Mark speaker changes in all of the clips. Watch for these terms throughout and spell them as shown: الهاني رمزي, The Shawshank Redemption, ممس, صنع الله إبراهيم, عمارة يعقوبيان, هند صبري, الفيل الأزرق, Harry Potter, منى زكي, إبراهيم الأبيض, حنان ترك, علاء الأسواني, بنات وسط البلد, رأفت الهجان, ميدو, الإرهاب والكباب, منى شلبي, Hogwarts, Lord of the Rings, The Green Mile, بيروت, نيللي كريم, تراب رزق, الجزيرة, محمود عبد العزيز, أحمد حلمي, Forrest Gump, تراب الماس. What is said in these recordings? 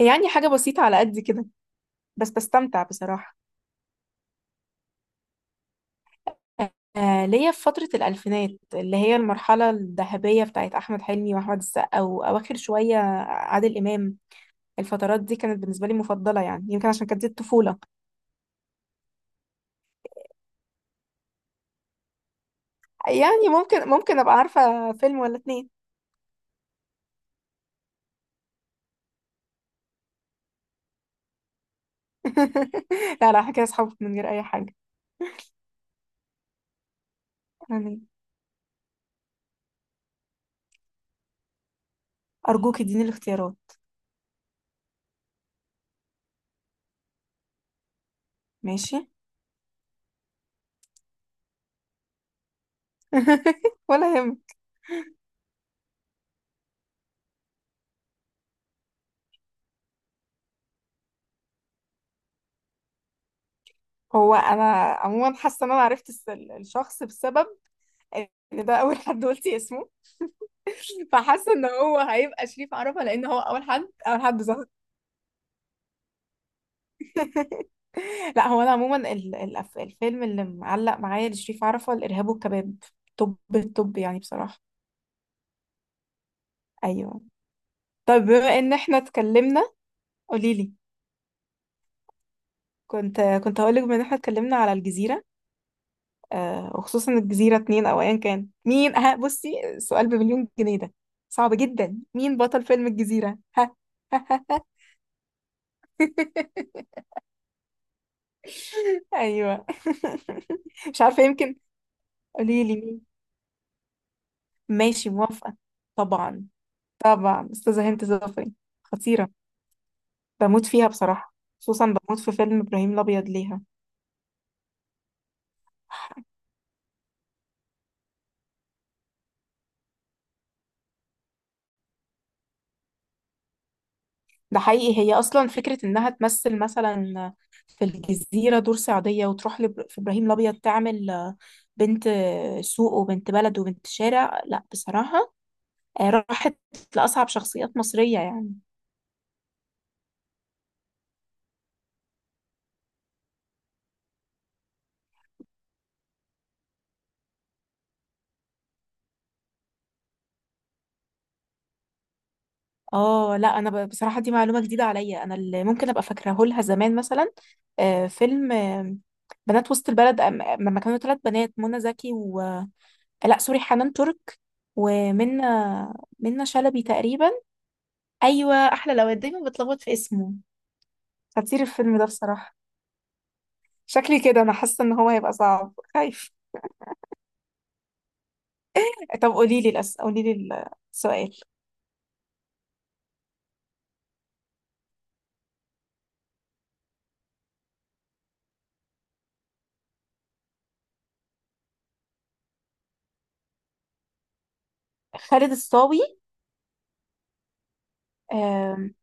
Speaker 1: يعني حاجة بسيطة على قد كده، بس بستمتع بصراحة. آه، ليا في فترة الألفينات اللي هي المرحلة الذهبية بتاعت أحمد حلمي وأحمد السقا وأواخر شوية عادل إمام. الفترات دي كانت بالنسبة لي مفضلة، يعني يمكن عشان كانت دي الطفولة. يعني ممكن أبقى عارفة فيلم ولا اتنين. لا لا، حكاية أصحابك من غير أي حاجة. يعني أرجوك اديني الاختيارات. ماشي. ولا يهم. هو أنا عموما حاسة إن أنا عرفت الشخص بسبب إن ده أول حد قلتي اسمه. فحاسه ان هو هيبقى شريف عرفة لان هو اول حد ظهر. لا هو انا عموما الفيلم اللي معلق معايا لشريف عرفة الارهاب والكباب. طب يعني بصراحه. ايوه. طيب بما ان احنا اتكلمنا، قولي لي. كنت هقول لك بما ان احنا اتكلمنا على الجزيره، وخصوصا الجزيره اتنين او ايا كان مين. ها، بصي السؤال بمليون جنيه ده صعب جدا، مين بطل فيلم الجزيره؟ ها. ايوه. مش عارفه، يمكن قولي لي. ماشي، موافقة. طبعا. طبعا أستاذة هند صبري. خطيرة، بموت فيها بصراحة، خصوصا بموت في فيلم إبراهيم الأبيض ليها. ده حقيقي، هي أصلا فكرة إنها تمثل مثلا في الجزيرة دور صعيدية وتروح في إبراهيم الأبيض تعمل بنت سوق وبنت بلد وبنت شارع، لا بصراحة راحت لأصعب شخصيات مصرية يعني. اه لا، انا بصراحه دي معلومه جديده عليا. انا اللي ممكن ابقى فاكراه لها زمان مثلا فيلم بنات وسط البلد. لما كانوا ثلاث بنات، منى زكي و، لا سوري، حنان ترك ومنى، منى شلبي تقريبا. ايوه احلى، لو دايما بتلخبط في اسمه. خطير الفيلم ده بصراحه، شكلي كده انا حاسه ان هو هيبقى صعب، خايف. طب قولي لي قولي لي السؤال. خالد الصاوي. آم،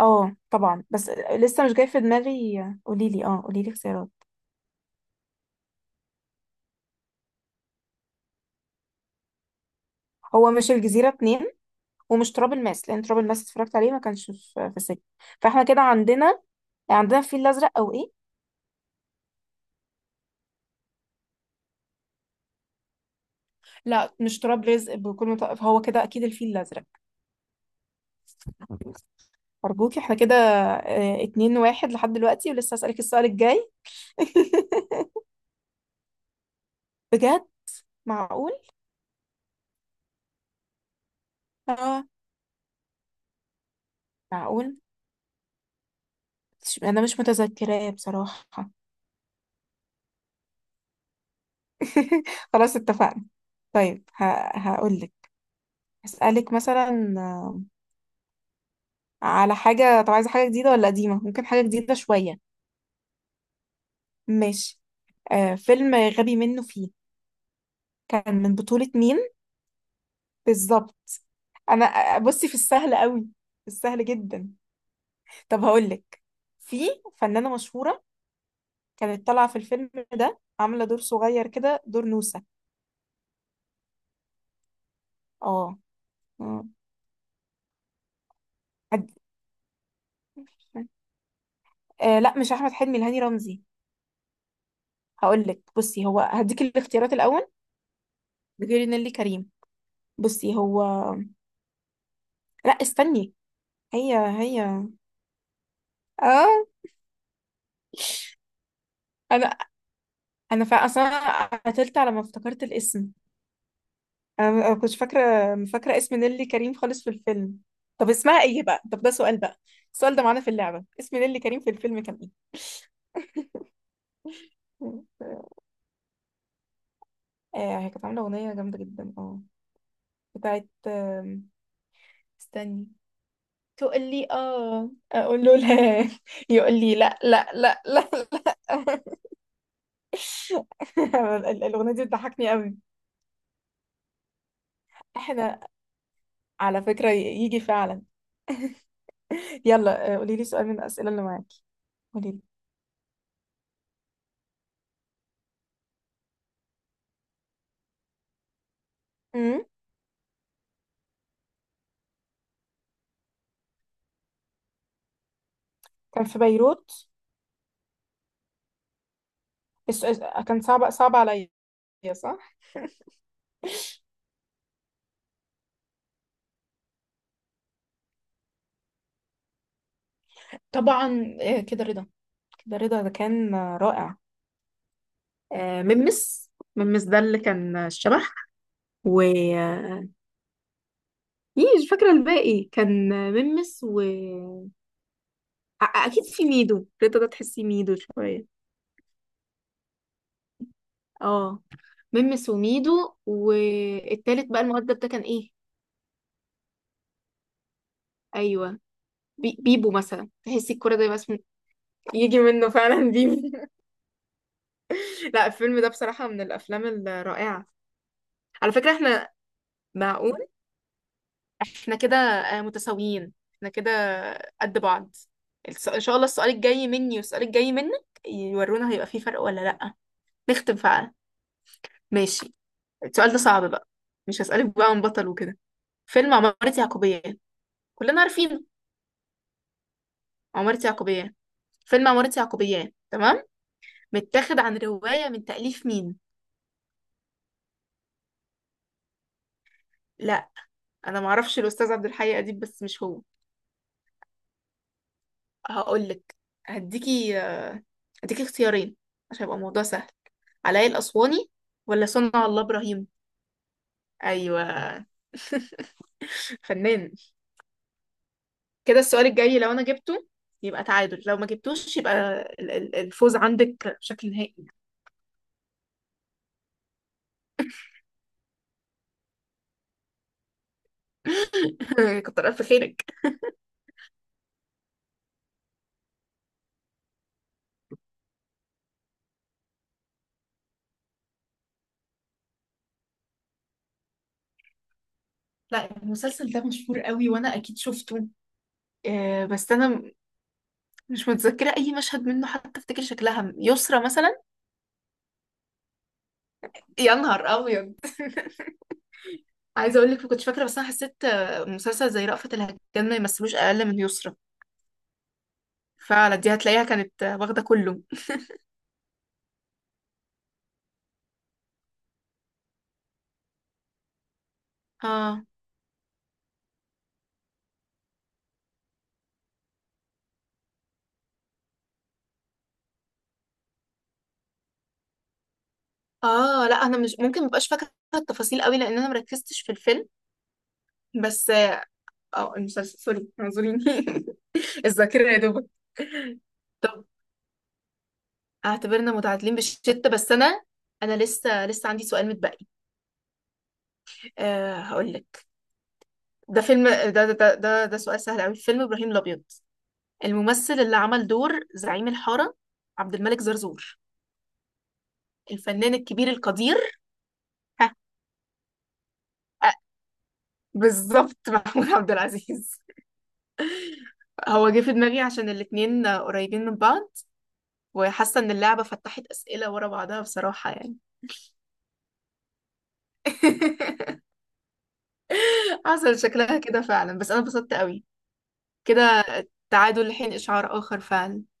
Speaker 1: اه طبعا، بس لسه مش جاي في دماغي. قولي لي اختيارات. هو مش الجزيرة اتنين، ومش تراب الماس، لأن تراب الماس اتفرجت عليه ما كانش في السجن. فاحنا كده عندنا، الفيل الأزرق أو إيه؟ لا مش تراب رزق، بكل متوقف هو كده، أكيد الفيل الأزرق. أرجوك احنا كده، اه، 2-1 لحد دلوقتي، ولسه هسألك السؤال الجاي. بجد؟ معقول؟ اه. معقول؟ أنا مش متذكراه بصراحة. خلاص اتفقنا. طيب هقول لك. هسألك مثلا على حاجة. طب عايزة حاجة جديدة ولا قديمة؟ ممكن حاجة جديدة شوية. ماشي. آه، فيلم غبي منه فيه، كان من بطولة مين؟ بالظبط. انا بصي في السهل قوي، في السهل جدا. طب هقولك. في فنانة مشهورة كانت طالعة في الفيلم ده، عاملة دور صغير كده، دور نوسة. اه. آه. هد... لا مش احمد حلمي، الهاني رمزي. هقولك بصي، هو هديك الاختيارات الاول. غير نيللي كريم. بصي هو، لا استني، هي هي. اه. انا، انا فا اصلا قتلت على ما افتكرت الاسم. انا ما كنتش فاكره، فاكره اسم نيلي كريم خالص في الفيلم. طب اسمها ايه بقى؟ طب ده سؤال بقى، السؤال ده معانا في اللعبه، اسم نيلي كريم في الفيلم كان ايه؟ آه، هي كانت عامله اغنيه جامده جدا، اه، بتاعت استني. تقول لي اه اقول له لا، يقول لي لا لا لا لا لا. الاغنيه دي بتضحكني قوي. احنا، على فكره، يجي فعلا. يلا قولي لي سؤال من الاسئله اللي معاكي. قولي لي. أمم، كان في بيروت؟ الس- الس- كان صعب، صعب عليا. صح. طبعا. كده رضا، ده كان رائع. آه، ممس، ده اللي كان الشبح. و إيه، مش فاكرة الباقي. كان ممس و أكيد في ميدو. رضا ده تحسي ميدو شوية. اه. ممس وميدو، والتالت بقى المؤدب ده كان ايه؟ أيوه. بيبو مثلا، تحسي الكرة ده بس. يجي منه فعلا بيبو. لا الفيلم ده بصراحة من الأفلام الرائعة. على فكرة احنا، معقول، احنا كده متساويين، احنا كده قد بعض. ان شاء الله السؤال الجاي مني والسؤال الجاي منك يورونا، هيبقى فيه فرق ولا لأ. نختم فعلا. ماشي. السؤال ده صعب بقى، مش هسألك بقى عن بطل وكده. فيلم عمارة يعقوبيان، كلنا عارفينه. عمارة يعقوبيان، فيلم عمارة يعقوبيان، تمام. متاخد عن رواية من تأليف مين؟ لا، انا معرفش الاستاذ عبد الحي اديب، بس مش هو. هقول لك، هديكي، اختيارين عشان يبقى الموضوع سهل. علاء الأسواني ولا صنع الله إبراهيم؟ ايوه. فنان. كده السؤال الجاي لو انا جبته يبقى تعادل، لو ما جبتوش يبقى الفوز عندك بشكل نهائي. كتر الف خيرك. لا المسلسل ده مشهور قوي وانا اكيد شفته، بس انا مش متذكره اي مشهد منه حتى افتكر شكلها. يسرا مثلا. يا نهار ابيض. عايزه اقول لك ما كنتش فاكره، بس انا حسيت مسلسل زي رأفت الهجان ما يمثلوش اقل من يسرا. فعلا دي هتلاقيها كانت واخده كله. اه. اه لا انا مش ممكن، مبقاش فاكره التفاصيل قوي لان انا مركزتش في الفيلم، بس اه المسلسل. سوري اعذريني. الذاكرة يا دوبك. طب اعتبرنا متعادلين بالشتة، بس انا، انا لسه عندي سؤال متبقي. أه هقول لك. ده فيلم ده ده ده ده, ده سؤال سهل قوي، فيلم ابراهيم الابيض، الممثل اللي عمل دور زعيم الحارة، عبد الملك زرزور الفنان الكبير القدير. ها. آه، بالظبط، محمود عبد العزيز. هو جه في دماغي عشان الاتنين قريبين من بعض، وحاسة ان اللعبة فتحت أسئلة ورا بعضها بصراحة يعني. حصل شكلها كده فعلا، بس انا اتبسطت قوي كده. تعادل لحين اشعار اخر فعلا.